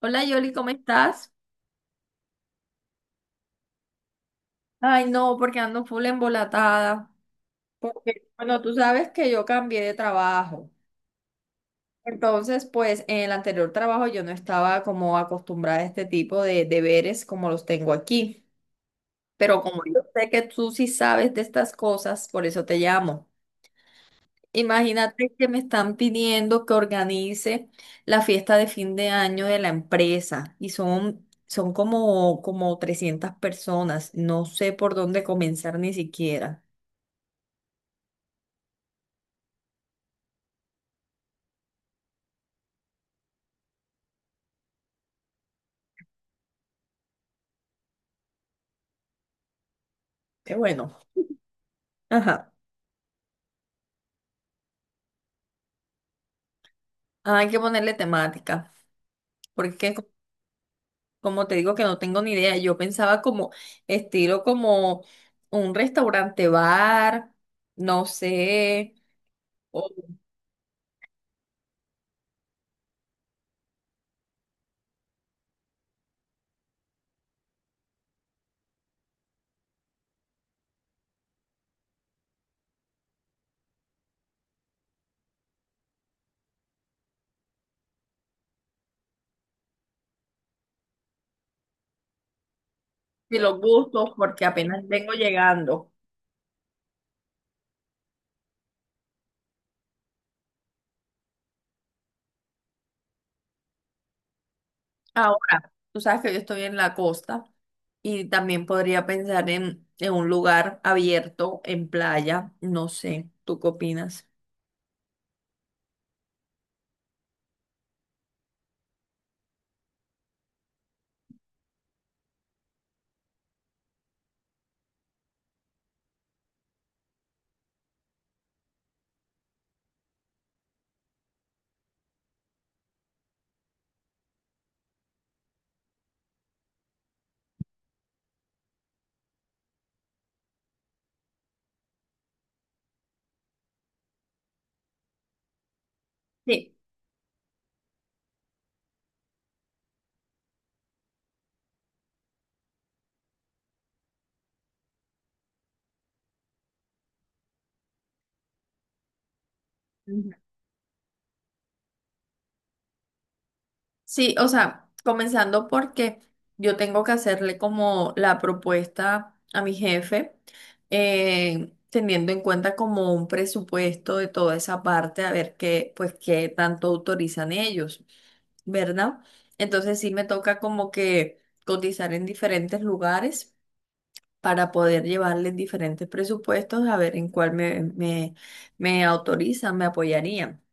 Hola, Yoli, ¿cómo estás? Ay, no, porque ando full embolatada. Porque, bueno, tú sabes que yo cambié de trabajo. Entonces, pues en el anterior trabajo yo no estaba como acostumbrada a este tipo de deberes como los tengo aquí. Pero como yo sé que tú sí sabes de estas cosas, por eso te llamo. Imagínate que me están pidiendo que organice la fiesta de fin de año de la empresa y son como, 300 personas. No sé por dónde comenzar ni siquiera. Qué bueno. Ajá. Ah, hay que ponerle temática, porque co- como te digo que no tengo ni idea. Yo pensaba como estilo, como un restaurante bar, no sé, o si los gustos, porque apenas vengo llegando. Ahora, tú sabes que yo estoy en la costa y también podría pensar en un lugar abierto, en playa, no sé, ¿tú qué opinas? Sí, ujú, sí, o sea, comenzando porque yo tengo que hacerle como la propuesta a mi jefe, teniendo en cuenta como un presupuesto de toda esa parte, a ver qué, pues qué tanto autorizan ellos, ¿verdad? Entonces sí me toca como que cotizar en diferentes lugares, para poder llevarles diferentes presupuestos, a ver en cuál me autorizan, me apoyarían.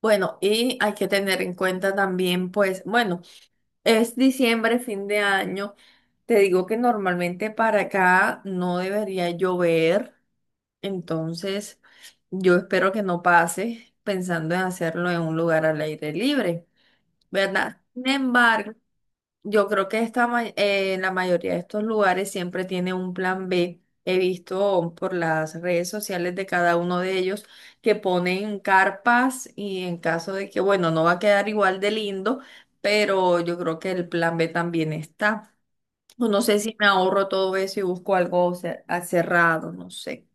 Bueno, y hay que tener en cuenta también, pues, bueno, es diciembre, fin de año. Te digo que normalmente para acá no debería llover, entonces yo espero que no pase, pensando en hacerlo en un lugar al aire libre, ¿verdad? Sin embargo, yo creo que la mayoría de estos lugares siempre tiene un plan B. He visto por las redes sociales de cada uno de ellos que ponen carpas y, en caso de que, bueno, no va a quedar igual de lindo, pero yo creo que el plan B también está. O no sé si me ahorro todo eso y busco algo cerrado, no sé.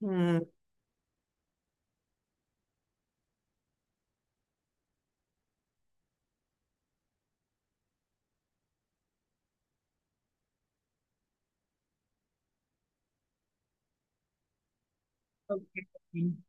Mm, ok.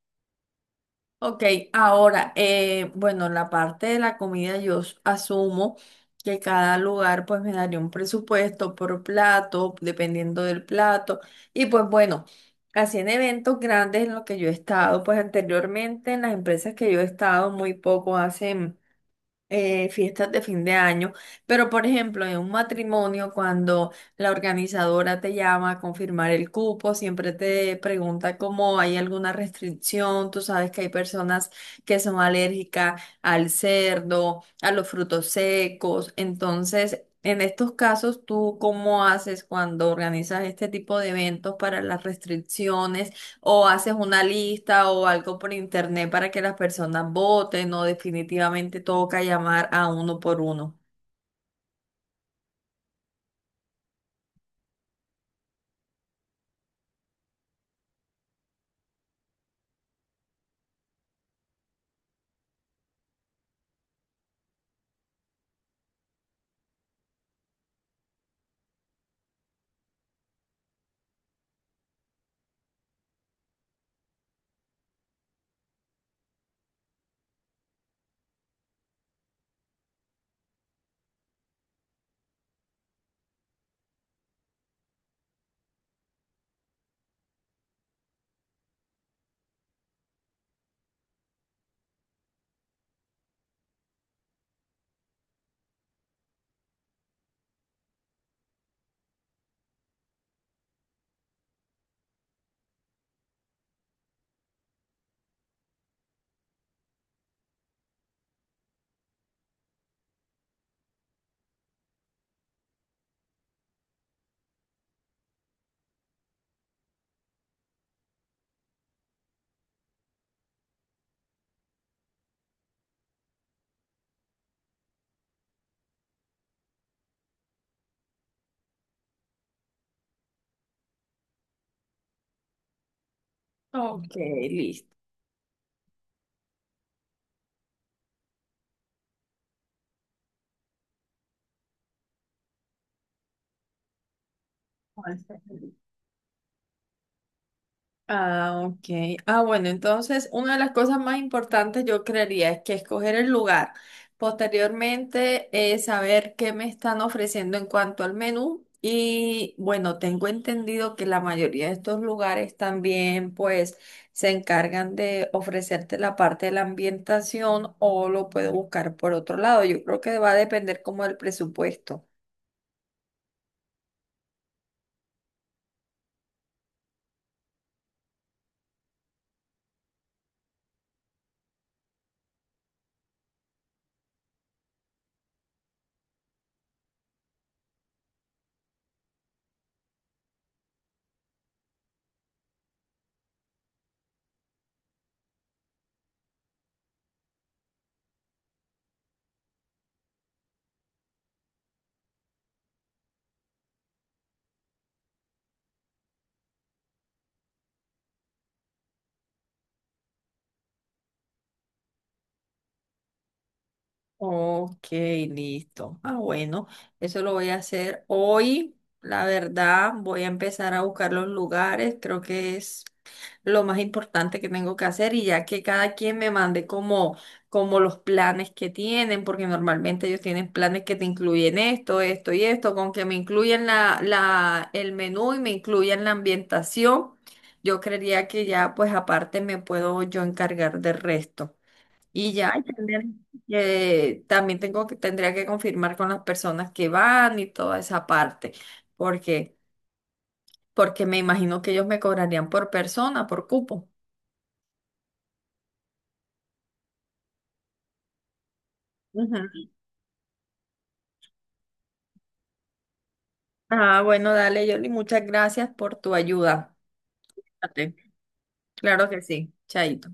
Ok, ahora, bueno, la parte de la comida asumo que cada lugar pues me daría un presupuesto por plato, dependiendo del plato. Y pues bueno, así en eventos grandes en los que yo he estado, pues anteriormente en las empresas que yo he estado muy poco hacen fiestas de fin de año, pero, por ejemplo, en un matrimonio, cuando la organizadora te llama a confirmar el cupo, siempre te pregunta cómo hay alguna restricción. Tú sabes que hay personas que son alérgicas al cerdo, a los frutos secos. Entonces, en estos casos, ¿tú cómo haces cuando organizas este tipo de eventos para las restricciones? ¿O haces una lista o algo por internet para que las personas voten, o definitivamente toca llamar a uno por uno? Ok, listo. Ah, ok. Ah, bueno, entonces una de las cosas más importantes, yo creería, es que escoger el lugar. Posteriormente, saber qué me están ofreciendo en cuanto al menú. Y bueno, tengo entendido que la mayoría de estos lugares también pues se encargan de ofrecerte la parte de la ambientación, o lo puedo buscar por otro lado. Yo creo que va a depender como del presupuesto. Ok, listo. Ah, bueno, eso lo voy a hacer hoy. La verdad, voy a empezar a buscar los lugares. Creo que es lo más importante que tengo que hacer, y ya que cada quien me mande como, como los planes que tienen, porque normalmente ellos tienen planes que te incluyen esto, esto y esto. Con que me incluyan el menú y me incluyan la ambientación, yo creería que ya, pues aparte me puedo yo encargar del resto. Y ya, y tendría también tengo que, tendría que confirmar con las personas que van y toda esa parte, porque, porque me imagino que ellos me cobrarían por persona, por cupo. Ujú. Ah, bueno, dale, Yoli, muchas gracias por tu ayuda. Fíjate. Claro que sí, chaito.